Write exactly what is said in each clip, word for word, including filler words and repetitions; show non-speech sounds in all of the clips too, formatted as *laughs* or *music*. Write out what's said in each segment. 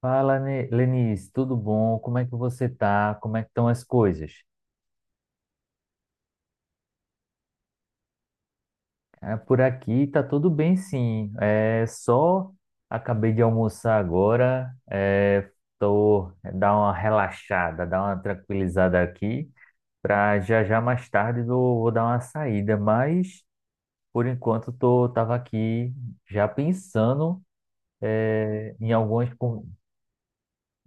Fala, Ne- Lenice, tudo bom? Como é que você tá? Como é que estão as coisas? Ah, por aqui tá tudo bem, sim. É só Acabei de almoçar agora, é, tô é, dar uma relaxada, dar uma tranquilizada aqui, para já já mais tarde eu vou dar uma saída, mas por enquanto tô tava aqui já pensando é, em algumas con-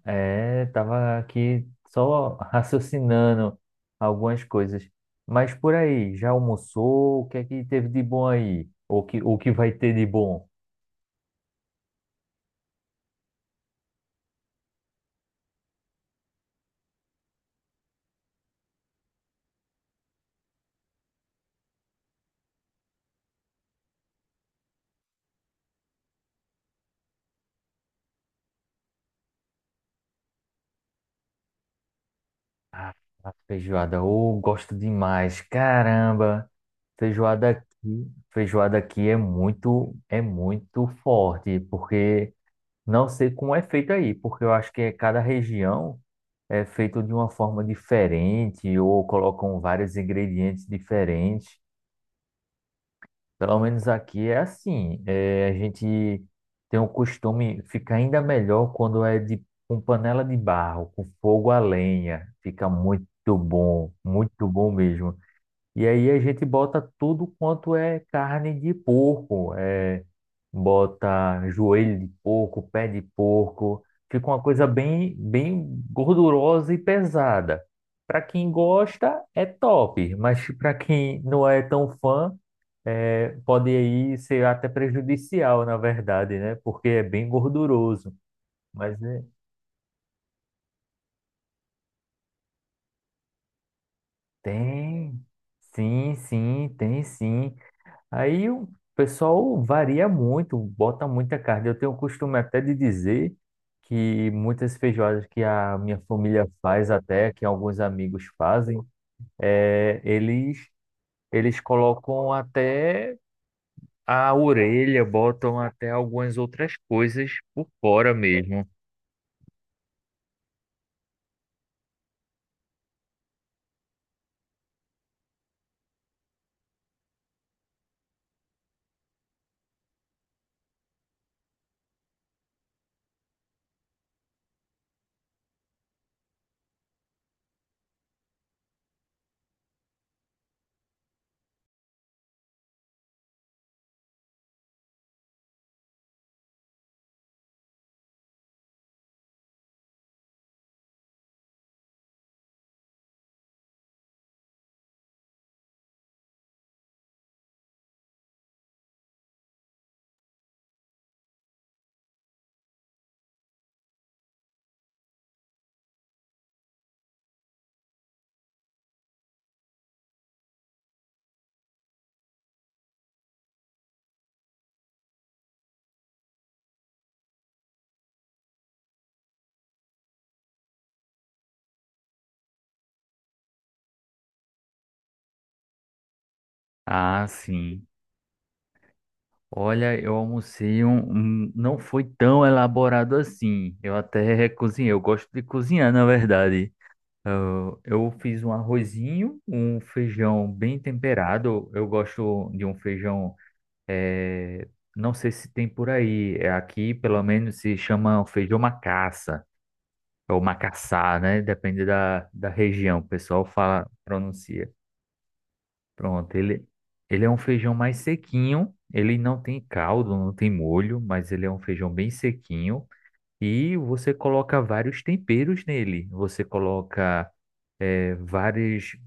É, tava aqui só *laughs* raciocinando algumas coisas. Mas por aí, já almoçou? O que é que teve de bom aí? Ou que, o que vai ter de bom? Ah, feijoada. Ou gosto demais. Caramba, feijoada aqui, feijoada aqui é muito, é muito forte, porque não sei como é feito aí, porque eu acho que é cada região é feito de uma forma diferente ou colocam vários ingredientes diferentes. Pelo menos aqui é assim. É, a gente tem o costume, fica ainda melhor quando é de com panela de barro, com fogo a lenha. Fica muito bom, muito bom mesmo. E aí a gente bota tudo quanto é carne de porco. É, bota joelho de porco, pé de porco. Fica uma coisa bem, bem gordurosa e pesada. Para quem gosta, é top, mas para quem não é tão fã é, pode aí ser até prejudicial, na verdade, né? Porque é bem gorduroso. Mas é, tem, sim, sim, tem sim. Aí o pessoal varia muito, bota muita carne. Eu tenho o costume até de dizer que muitas feijoadas que a minha família faz até, que alguns amigos fazem, é, eles, eles colocam até a orelha, botam até algumas outras coisas por fora mesmo. Ah, sim. Olha, eu almocei um, um- não foi tão elaborado assim. Eu até cozinhei. Eu gosto de cozinhar, na verdade. Eu, eu fiz um arrozinho, um feijão bem temperado. Eu gosto de um feijão. eh, Não sei se tem por aí. É Aqui, pelo menos, se chama feijão macaça. Ou macaçá, né? Depende da, da região. O pessoal fala, pronuncia. Pronto, ele, ele é um feijão mais sequinho, ele não tem caldo, não tem molho, mas ele é um feijão bem sequinho e você coloca vários temperos nele. Você coloca eh, vários,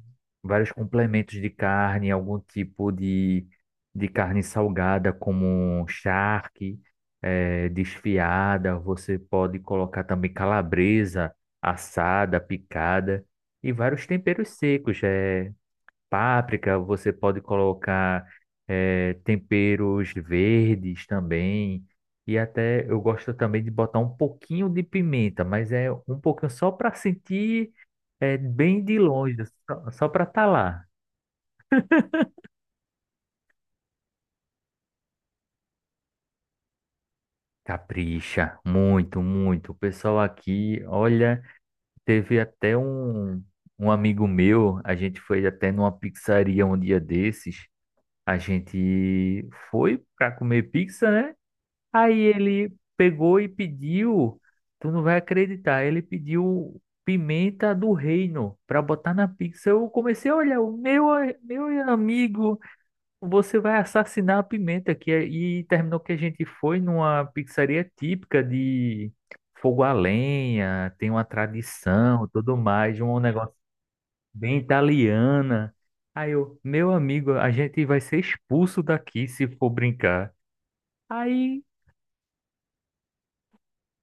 vários complementos de carne, algum tipo de, de carne salgada, como um charque, eh, desfiada. Você pode colocar também calabresa assada, picada e vários temperos secos. Eh, páprica, você pode colocar eh, temperos verdes também. E até eu gosto também de botar um pouquinho de pimenta, mas é um pouquinho só para sentir eh, bem de longe, só, só para estar lá. Capricha, muito, muito. O pessoal aqui, olha, teve até um, um amigo meu, a gente foi até numa pizzaria um dia desses. A gente foi para comer pizza, né? Aí ele pegou e pediu, tu não vai acreditar, ele pediu pimenta do reino para botar na pizza. Eu comecei a olhar, o meu, a- meu amigo, você vai assassinar a pimenta aqui. E terminou que a gente foi numa pizzaria típica de fogo a lenha, tem uma tradição, tudo mais, um negócio bem italiana. Aí eu, meu amigo, a gente vai ser expulso daqui se for brincar. Aí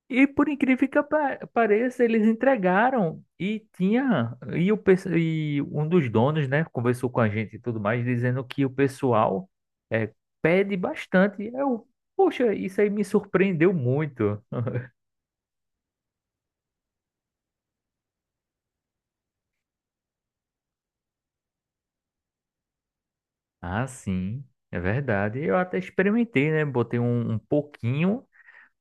e por incrível que apa- pareça, eles entregaram e tinha e, o, pes- e um dos donos, né, conversou com a gente e tudo mais, dizendo que o pessoal é, pede bastante. Eu, poxa, isso aí me surpreendeu muito. Ah, sim, é verdade. Eu até experimentei, né? Botei um, um pouquinho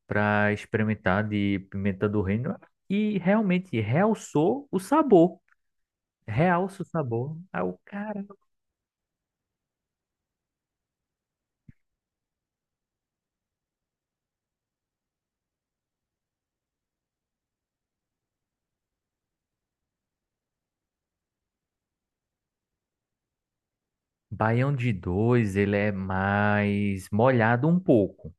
para experimentar de pimenta do reino e realmente realçou o sabor. Realça o sabor. Ah, o cara. Baião de dois, ele é mais molhado um pouco,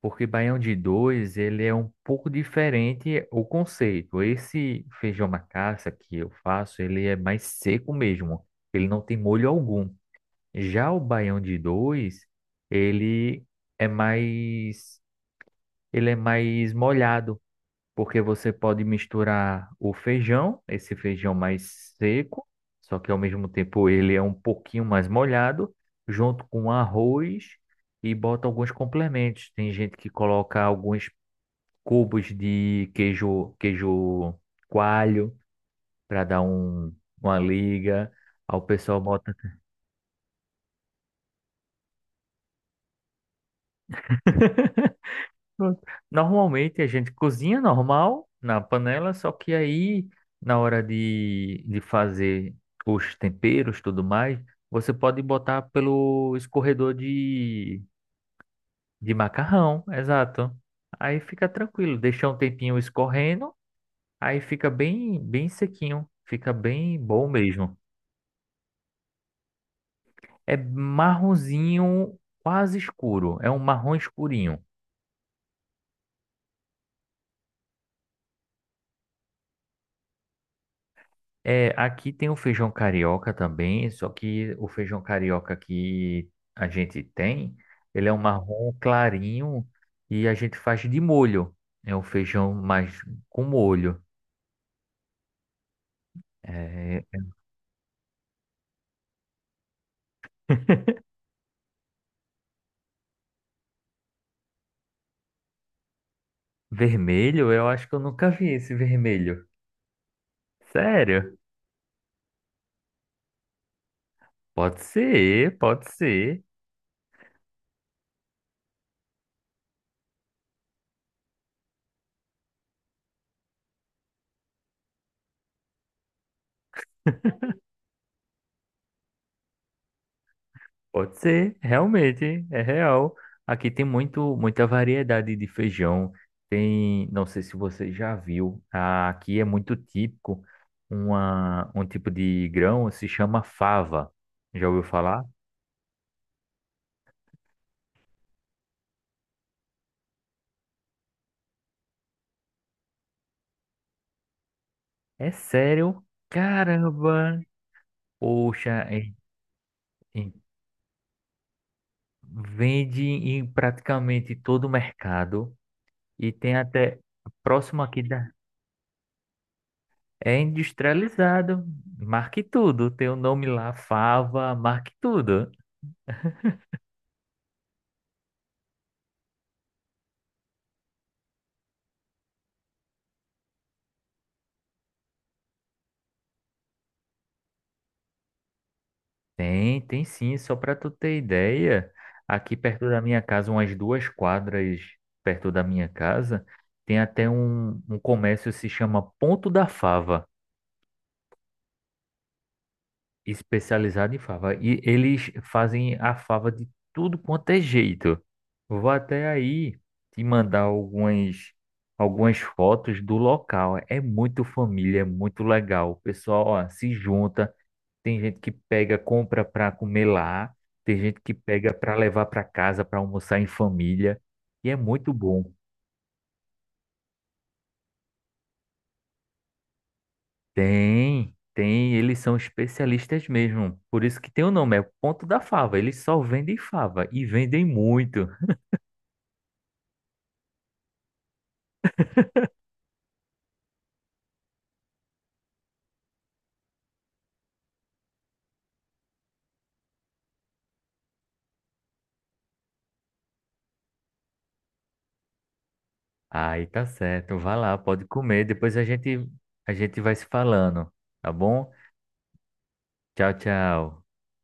porque Baião de dois, ele é um pouco diferente o conceito. Esse feijão macaça que eu faço, ele é mais seco mesmo, ele não tem molho algum. Já o Baião de dois, ele é mais, ele é mais molhado porque você pode misturar o feijão, esse feijão mais seco, só que ao mesmo tempo ele é um pouquinho mais molhado, junto com arroz e bota alguns complementos. Tem gente que coloca alguns cubos de queijo, queijo coalho para dar um, uma liga. Aí o pessoal bota. Pronto. Normalmente a gente cozinha normal na panela, só que aí na hora de, de fazer os temperos, tudo mais, você pode botar pelo escorredor de, de macarrão, exato. Aí fica tranquilo, deixa um tempinho escorrendo, aí fica bem bem sequinho, fica bem bom mesmo. É marronzinho, quase escuro, é um marrom escurinho. É, aqui tem o feijão carioca também, só que o feijão carioca que a gente tem, ele é um marrom clarinho e a gente faz de molho. É um feijão mais com molho. É, vermelho, eu acho que eu nunca vi esse vermelho. Sério? Pode ser, pode ser. Pode ser, realmente, é real. Aqui tem muito, muita variedade de feijão. Tem, não sei se você já viu, ah, aqui é muito típico uma, um tipo de grão, se chama fava. Já ouviu falar? É sério? Caramba! Poxa, é- é- vende em praticamente todo o mercado e tem até próximo aqui da. É industrializado. Marque tudo. Tem o nome lá, fava, marque tudo. Tem, tem sim, só para tu ter ideia, aqui perto da minha casa, umas duas quadras perto da minha casa, tem até um, um comércio que se chama Ponto da Fava, especializado em fava. E eles fazem a fava de tudo quanto é jeito. Vou até aí te mandar algumas, algumas fotos do local. É muito família, é muito legal. O pessoal, ó, se junta. Tem gente que pega, compra para comer lá, tem gente que pega para levar para casa para almoçar em família, e é muito bom. Tem, tem, eles são especialistas mesmo. Por isso que tem o nome, é o Ponto da Fava. Eles só vendem fava e vendem muito. Aí tá certo, vai lá, pode comer, depois a gente a gente vai se falando, tá bom? Tchau, tchau.